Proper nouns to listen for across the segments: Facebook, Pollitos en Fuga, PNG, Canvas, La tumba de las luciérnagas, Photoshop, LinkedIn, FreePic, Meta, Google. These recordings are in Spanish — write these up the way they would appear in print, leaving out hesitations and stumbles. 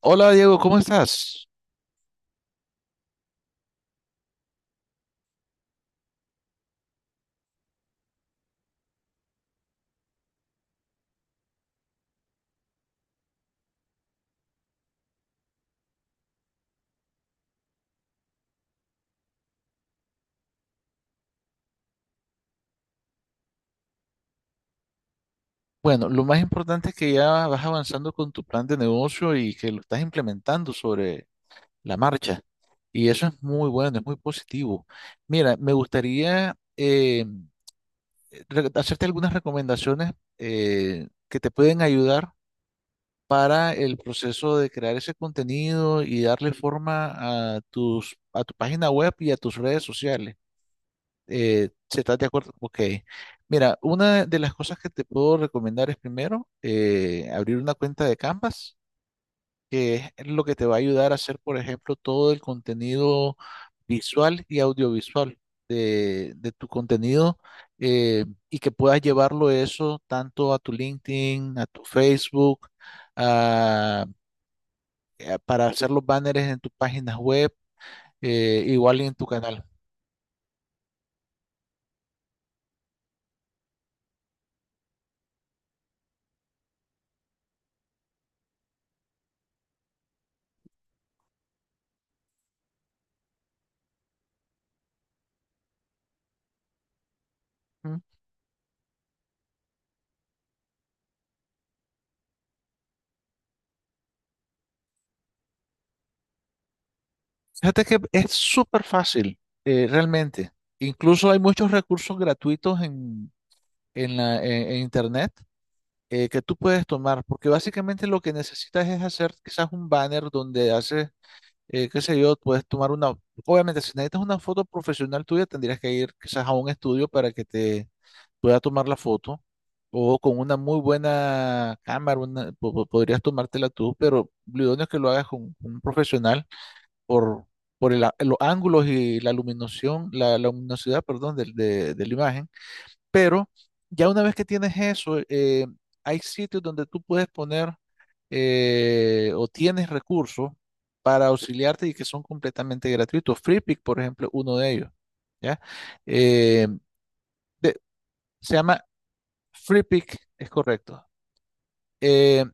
Hola Diego, ¿cómo estás? Bueno, lo más importante es que ya vas avanzando con tu plan de negocio y que lo estás implementando sobre la marcha. Y eso es muy bueno, es muy positivo. Mira, me gustaría hacerte algunas recomendaciones que te pueden ayudar para el proceso de crear ese contenido y darle forma a a tu página web y a tus redes sociales. Si estás de acuerdo, ok. Mira, una de las cosas que te puedo recomendar es primero abrir una cuenta de Canvas, que es lo que te va a ayudar a hacer, por ejemplo, todo el contenido visual y audiovisual de tu contenido y que puedas llevarlo eso tanto a tu LinkedIn, a tu Facebook, a- para hacer los banners en tus páginas web, igual y en tu canal. Fíjate que es súper fácil, realmente. Incluso hay muchos recursos gratuitos en en Internet que tú puedes tomar, porque básicamente lo que necesitas es hacer quizás un banner donde haces, qué sé yo, puedes tomar una. Obviamente, si necesitas una foto profesional tuya, tendrías que ir quizás a un estudio para que te pueda tomar la foto, o con una muy buena cámara podrías tomártela tú, pero lo idóneo es que lo hagas con un profesional por, por los ángulos y la iluminación, la luminosidad, perdón, de la imagen. Pero ya una vez que tienes eso, hay sitios donde tú puedes poner o tienes recursos para auxiliarte y que son completamente gratuitos. FreePic, por ejemplo, uno de ellos, ¿ya? Eh, de- Se llama FreePic, es correcto. Eh,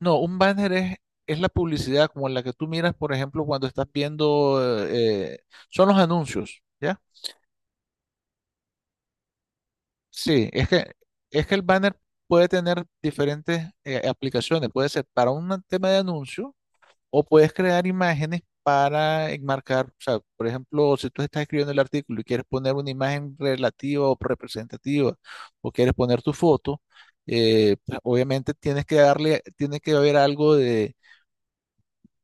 No, un banner es la publicidad como la que tú miras, por ejemplo, cuando estás viendo, eh, son los anuncios, ¿ya? Sí, es que el banner puede tener diferentes aplicaciones, puede ser para un tema de anuncio o puedes crear imágenes para enmarcar, o sea, por ejemplo, si tú estás escribiendo el artículo y quieres poner una imagen relativa o representativa o quieres poner tu foto, pues, obviamente tienes que darle, tiene que haber algo de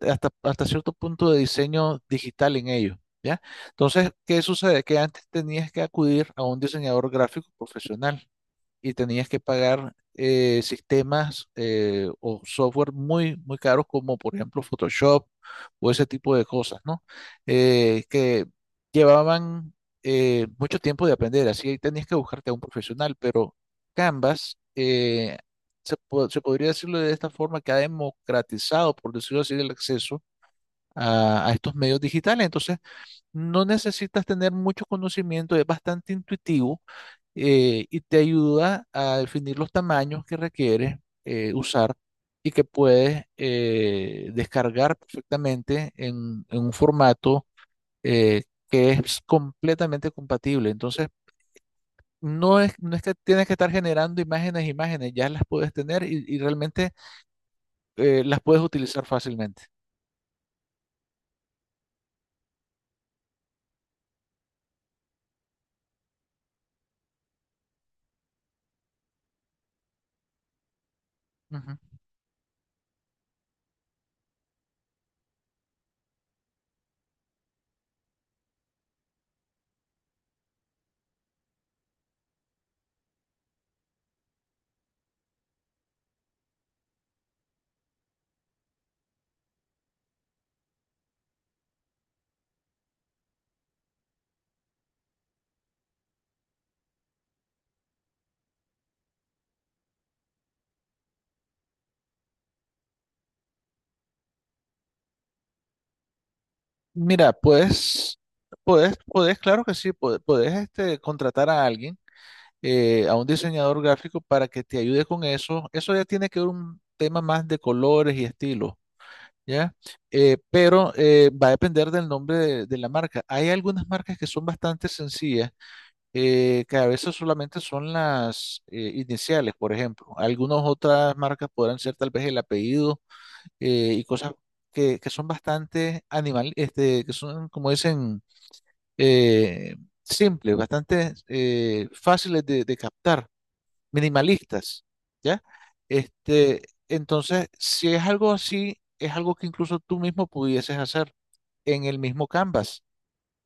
hasta cierto punto de diseño digital en ello, ¿ya? Entonces, ¿qué sucede? Que antes tenías que acudir a un diseñador gráfico profesional y tenías que pagar sistemas o software muy caros como por ejemplo Photoshop o ese tipo de cosas, ¿no? Que llevaban mucho tiempo de aprender, así ahí tenías que buscarte a un profesional, pero Canvas se podría decirlo de esta forma, que ha democratizado, por decirlo así, el acceso a estos medios digitales. Entonces, no necesitas tener mucho conocimiento, es bastante intuitivo y te ayuda a definir los tamaños que requieres usar y que puedes descargar perfectamente en un formato eh, que es completamente compatible. Entonces, no es que tienes que estar generando imágenes, ya las puedes tener y realmente las puedes utilizar fácilmente. Mira, puedes, claro que sí, puedes este, contratar a alguien, a un diseñador gráfico para que te ayude con eso. Eso ya tiene que ver un tema más de colores y estilo, ¿ya? Pero va a depender del nombre de la marca. Hay algunas marcas que son bastante sencillas, que a veces solamente son las iniciales, por ejemplo. Algunas otras marcas podrán ser tal vez el apellido y cosas que son bastante animal, este, que son, como dicen eh, simples, bastante fáciles de captar, minimalistas, ¿ya? Este, entonces, si es algo así, es algo que incluso tú mismo pudieses hacer en el mismo Canvas,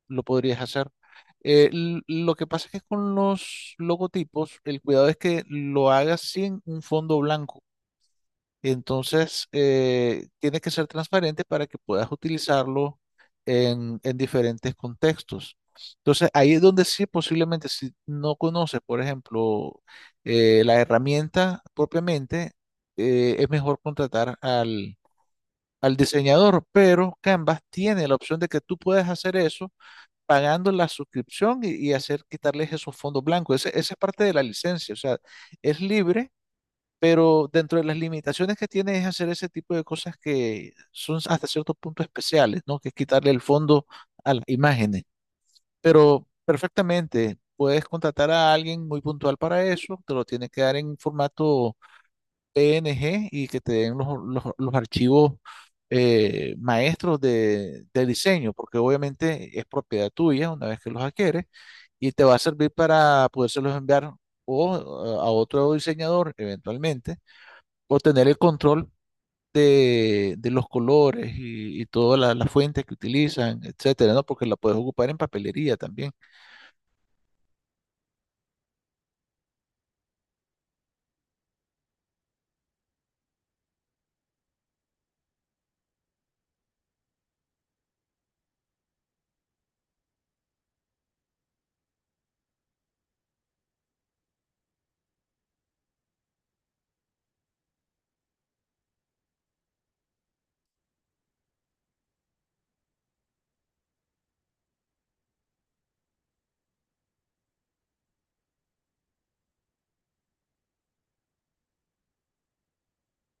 lo podrías hacer. Lo que pasa es que con los logotipos, el cuidado es que lo hagas sin un fondo blanco entonces, tiene que ser transparente para que puedas utilizarlo en diferentes contextos. Entonces, ahí es donde sí, posiblemente, si no conoces, por ejemplo, la herramienta propiamente, es mejor contratar al diseñador, pero Canvas tiene la opción de que tú puedes hacer eso pagando la suscripción y hacer quitarles esos fondos blancos. Esa es parte de la licencia, o sea, es libre pero dentro de las limitaciones que tiene es hacer ese tipo de cosas que son hasta cierto punto especiales, ¿no? Que es quitarle el fondo a las imágenes. Pero perfectamente, puedes contratar a alguien muy puntual para eso, te lo tiene que dar en formato PNG y que te den los archivos maestros de diseño, porque obviamente es propiedad tuya una vez que los adquieres y te va a servir para podérselos enviar o a otro diseñador eventualmente o tener el control de los colores y todas las fuentes que utilizan, etcétera, ¿no? Porque la puedes ocupar en papelería también.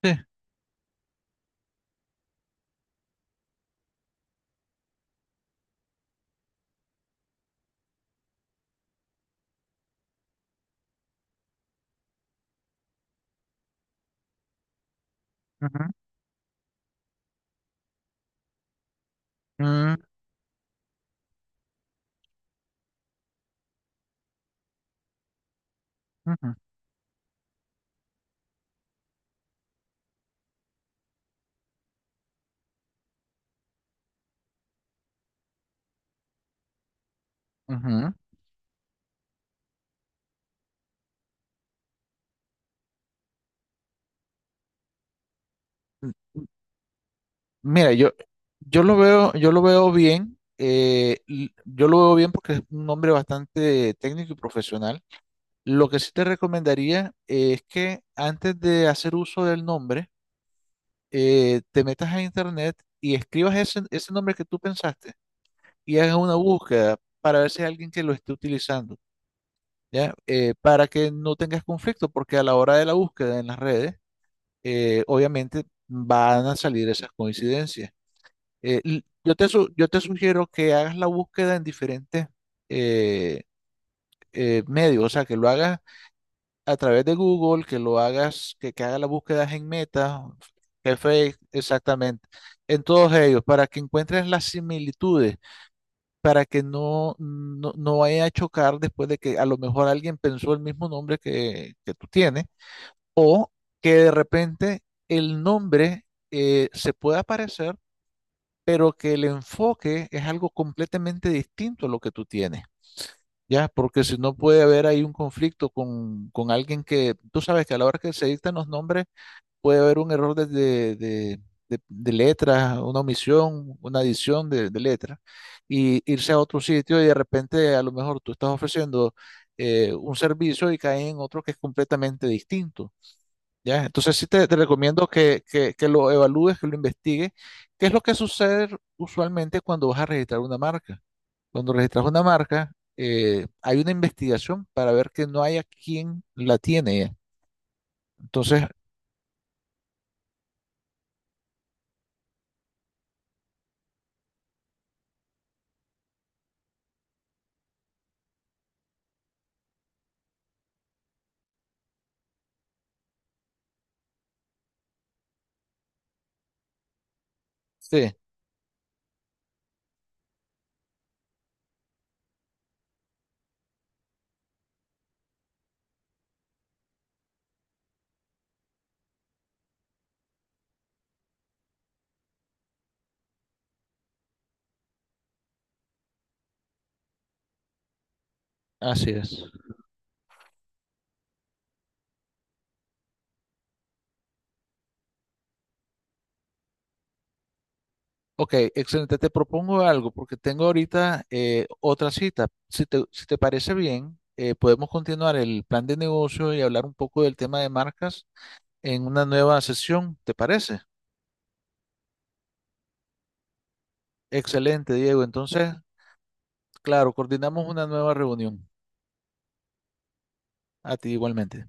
Sí. Ujú, ujú, ujú, ujú. M- Mira, yo lo veo bien. Yo lo veo bien porque es un hombre bastante técnico y profesional. Lo que sí te recomendaría es que antes de hacer uso del nombre, te metas a internet y escribas ese nombre que tú pensaste y hagas una búsqueda para ver si hay alguien que lo esté utilizando, ¿ya? Para que no tengas conflicto, porque a la hora de la búsqueda en las redes, obviamente van a salir esas coincidencias. Yo te sugiero que hagas la búsqueda en diferentes eh, medios, o sea, que lo hagas a través de Google, que lo que hagas las búsquedas en Meta, que Facebook, exactamente, en todos ellos, para que encuentres las similitudes para que no vaya a chocar después de que a lo mejor alguien pensó el mismo nombre que tú tienes, o que de repente el nombre se pueda parecer, pero que el enfoque es algo completamente distinto a lo que tú tienes. Ya, porque si no puede haber ahí un conflicto con alguien que, tú sabes que a la hora que se dictan los nombres, puede haber un error de letra, una omisión, una adición de letra, y irse a otro sitio y de repente a lo mejor tú estás ofreciendo un servicio y cae en otro que es completamente distinto. ¿Ya? Entonces sí te recomiendo que lo evalúes, que lo investigues. ¿Qué es lo que sucede usualmente cuando vas a registrar una marca? Cuando registras una marca, hay una investigación para ver que no haya quien la tiene. Entonces, sí, así es. Ok, excelente. Te propongo algo porque tengo ahorita otra cita. Si te parece bien, podemos continuar el plan de negocio y hablar un poco del tema de marcas en una nueva sesión. ¿Te parece? Excelente, Diego. Entonces, claro, coordinamos una nueva reunión. A ti igualmente.